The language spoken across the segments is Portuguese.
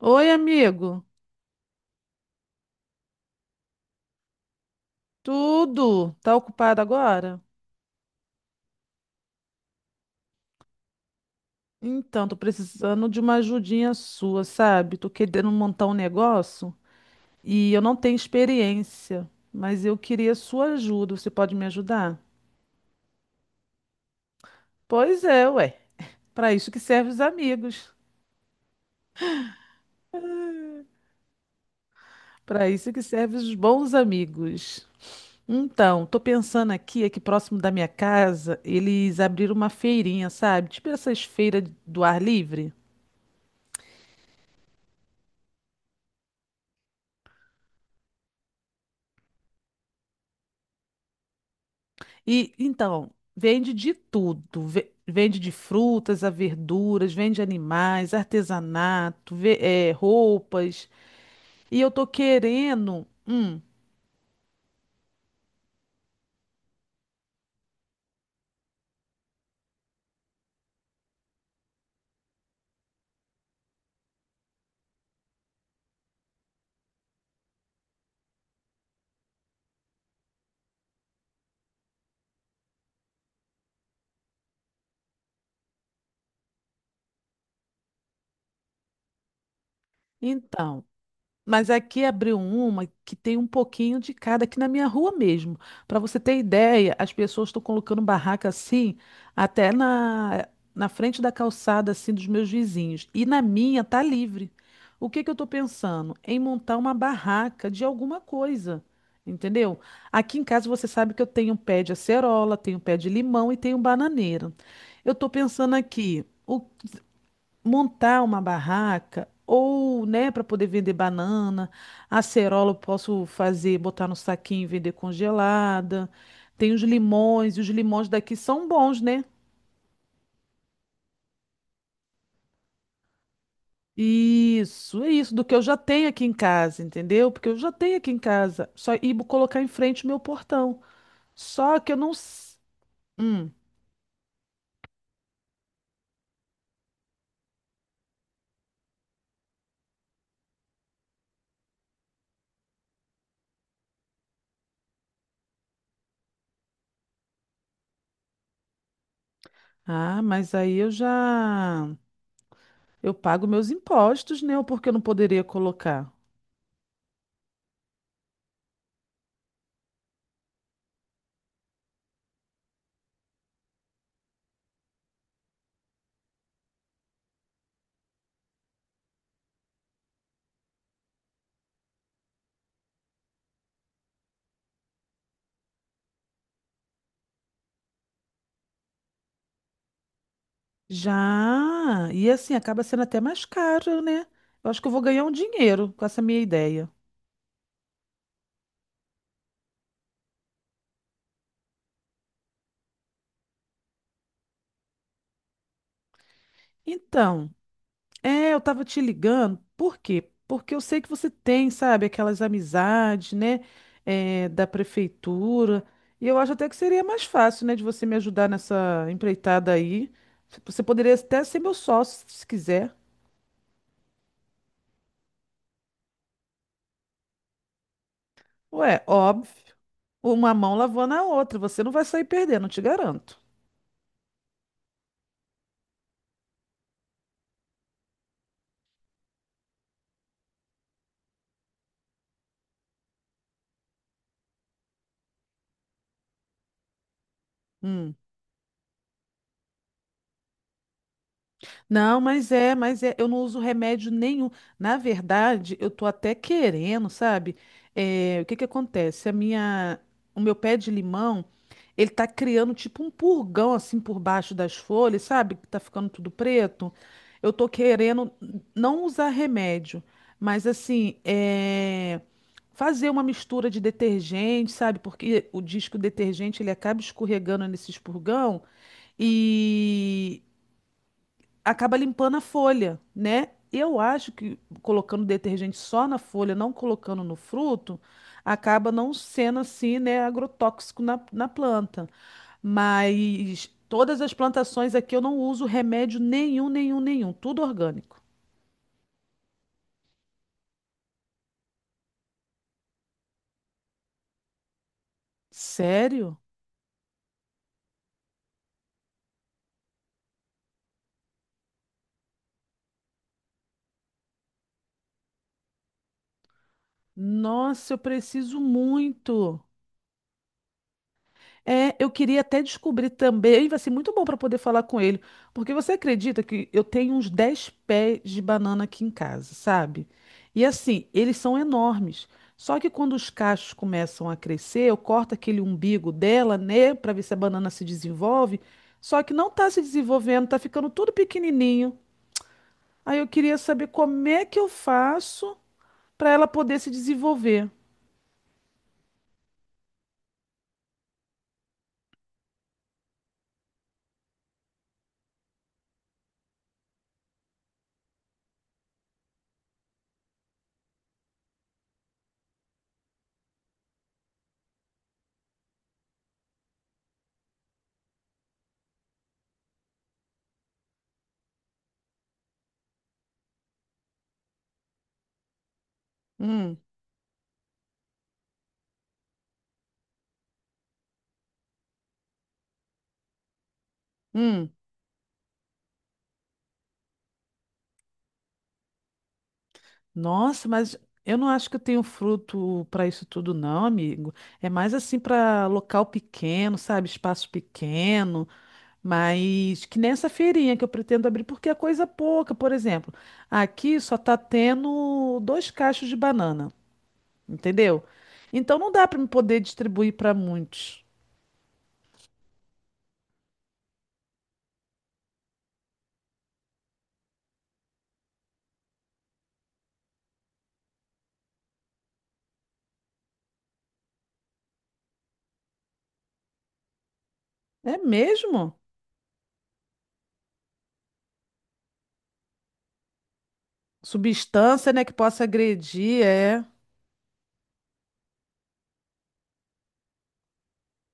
Oi, amigo. Tudo? Tá ocupado agora? Então, tô precisando de uma ajudinha sua, sabe? Tô querendo montar um negócio e eu não tenho experiência, mas eu queria sua ajuda. Você pode me ajudar? Pois é, ué. Pra isso que servem os amigos. Pra isso que servem os bons amigos. Então, tô pensando aqui, próximo da minha casa, eles abriram uma feirinha, sabe? Tipo essas feiras do ar livre. E então, vende de tudo. Vende de frutas a verduras, vende animais, artesanato, roupas. E eu tô querendo. Então. Mas aqui abriu uma que tem um pouquinho de cada aqui na minha rua mesmo. Para você ter ideia, as pessoas estão colocando barraca assim, até na frente da calçada assim dos meus vizinhos. E na minha tá livre. O que que eu estou pensando? Em montar uma barraca de alguma coisa, entendeu? Aqui em casa você sabe que eu tenho um pé de acerola, tenho um pé de limão e tenho um bananeira. Eu estou pensando aqui. O Montar uma barraca ou, né, para poder vender banana, acerola eu posso fazer, botar no saquinho e vender congelada. Tem os limões, e os limões daqui são bons, né? Isso, é isso do que eu já tenho aqui em casa, entendeu? Porque eu já tenho aqui em casa, só ir colocar em frente o meu portão. Só que eu não. Hum. Ah, mas aí eu já. Eu pago meus impostos, né? Porque eu não poderia colocar. Já. E assim, acaba sendo até mais caro, né? Eu acho que eu vou ganhar um dinheiro com essa minha ideia. Então, é, eu tava te ligando, por quê? Porque eu sei que você tem, sabe, aquelas amizades, né, é, da prefeitura. E eu acho até que seria mais fácil, né, de você me ajudar nessa empreitada aí. Você poderia até ser meu sócio, se quiser. Ué, óbvio. Uma mão lavando a outra. Você não vai sair perdendo, eu te garanto. Hum. Não, mas é, eu não uso remédio nenhum. Na verdade, eu tô até querendo, sabe? É, o que que acontece? O meu pé de limão, ele tá criando tipo um purgão assim por baixo das folhas, sabe? Que tá ficando tudo preto. Eu tô querendo não usar remédio, mas assim, é, fazer uma mistura de detergente, sabe? Porque o disco detergente ele acaba escorregando nesses purgão. E acaba limpando a folha, né? Eu acho que colocando detergente só na folha, não colocando no fruto, acaba não sendo assim, né, agrotóxico na planta. Mas todas as plantações aqui eu não uso remédio nenhum, nenhum, nenhum, tudo orgânico. Sério? Nossa, eu preciso muito. É, eu queria até descobrir também, vai ser muito bom para poder falar com ele, porque você acredita que eu tenho uns 10 pés de banana aqui em casa, sabe? E assim, eles são enormes. Só que quando os cachos começam a crescer, eu corto aquele umbigo dela, né, para ver se a banana se desenvolve. Só que não tá se desenvolvendo, tá ficando tudo pequenininho. Aí eu queria saber como é que eu faço para ela poder se desenvolver. Hum, hum. Nossa, mas eu não acho que eu tenho fruto para isso tudo, não, amigo. É mais assim para local pequeno, sabe? Espaço pequeno, mas que nessa feirinha que eu pretendo abrir, porque é coisa pouca, por exemplo. Aqui só tá tendo dois cachos de banana, entendeu? Então não dá para me poder distribuir para muitos. É mesmo? Substância, né, que possa agredir, é.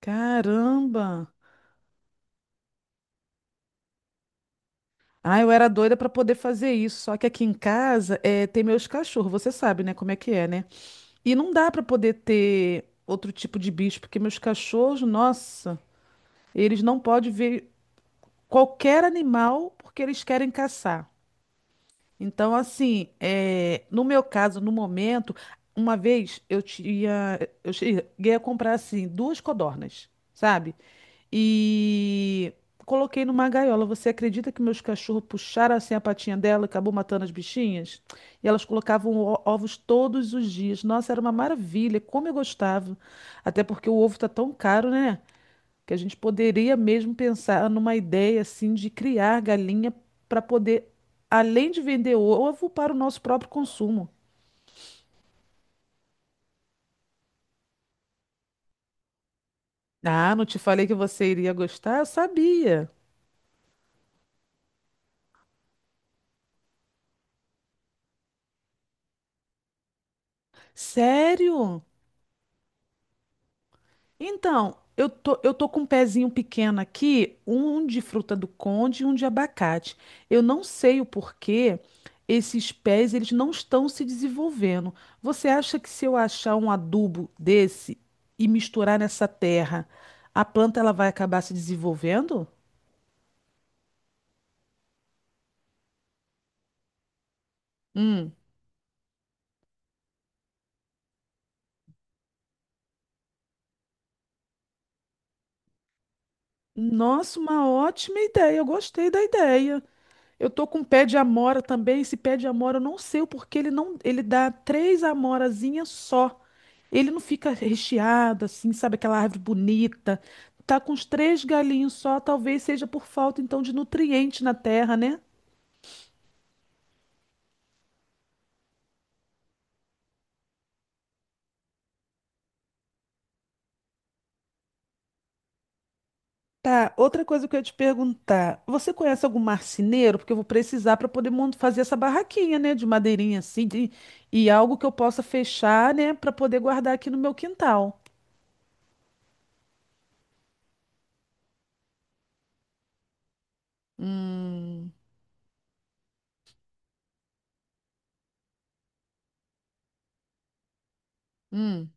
Caramba! Ah, eu era doida pra poder fazer isso, só que aqui em casa é, tem meus cachorros, você sabe, né, como é que é, né? E não dá pra poder ter outro tipo de bicho, porque meus cachorros, nossa, eles não podem ver qualquer animal porque eles querem caçar. Então, assim, é, no meu caso, no momento, uma vez eu tinha, eu cheguei a comprar assim duas codornas, sabe? E coloquei numa gaiola. Você acredita que meus cachorros puxaram assim a patinha dela, e acabou matando as bichinhas? E elas colocavam ovos todos os dias. Nossa, era uma maravilha, como eu gostava. Até porque o ovo tá tão caro, né? Que a gente poderia mesmo pensar numa ideia assim de criar galinha para poder, além de vender ovo, para o nosso próprio consumo. Ah, não te falei que você iria gostar? Eu sabia. Sério? Então, eu tô com um pezinho pequeno aqui, um de fruta do conde e um de abacate. Eu não sei o porquê esses pés eles não estão se desenvolvendo. Você acha que se eu achar um adubo desse e misturar nessa terra, a planta ela vai acabar se desenvolvendo? Hum. Nossa, uma ótima ideia. Eu gostei da ideia. Eu tô com pé de amora também. Esse pé de amora, eu não sei o porquê ele não, ele dá três amorazinhas só. Ele não fica recheado assim, sabe aquela árvore bonita. Tá com os três galinhos só, talvez seja por falta então de nutriente na terra, né? Tá, outra coisa que eu ia te perguntar. Você conhece algum marceneiro? Porque eu vou precisar para poder fazer essa barraquinha, né, de madeirinha assim, e algo que eu possa fechar, né, para poder guardar aqui no meu quintal. Hum, hum.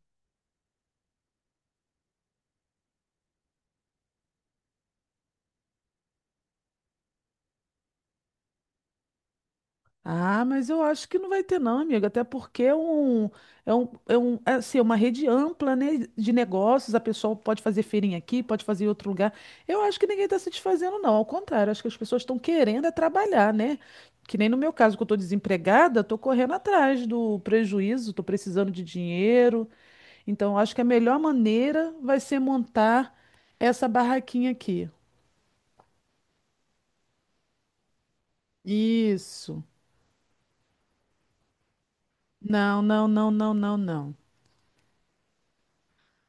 Ah, mas eu acho que não vai ter não, amigo, até porque é um, assim, é uma rede ampla, né, de negócios, a pessoa pode fazer feirinha aqui, pode fazer em outro lugar. Eu acho que ninguém está se desfazendo não, ao contrário, acho que as pessoas estão querendo é trabalhar, né? Que nem no meu caso, que eu estou desempregada, estou correndo atrás do prejuízo, estou precisando de dinheiro, então eu acho que a melhor maneira vai ser montar essa barraquinha aqui. Isso. Não, não, não, não, não, não.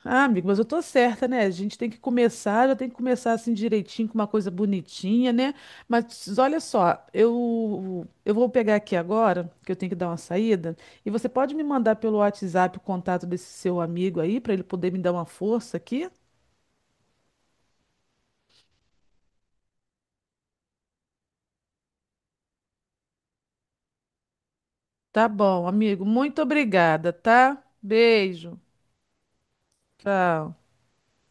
Ah, amigo, mas eu tô certa, né? A gente tem que começar, já tem que começar assim direitinho, com uma coisa bonitinha, né? Mas olha só, eu vou pegar aqui agora, que eu tenho que dar uma saída, e você pode me mandar pelo WhatsApp o contato desse seu amigo aí, pra ele poder me dar uma força aqui? Tá bom, amigo, muito obrigada, tá? Beijo, tchau.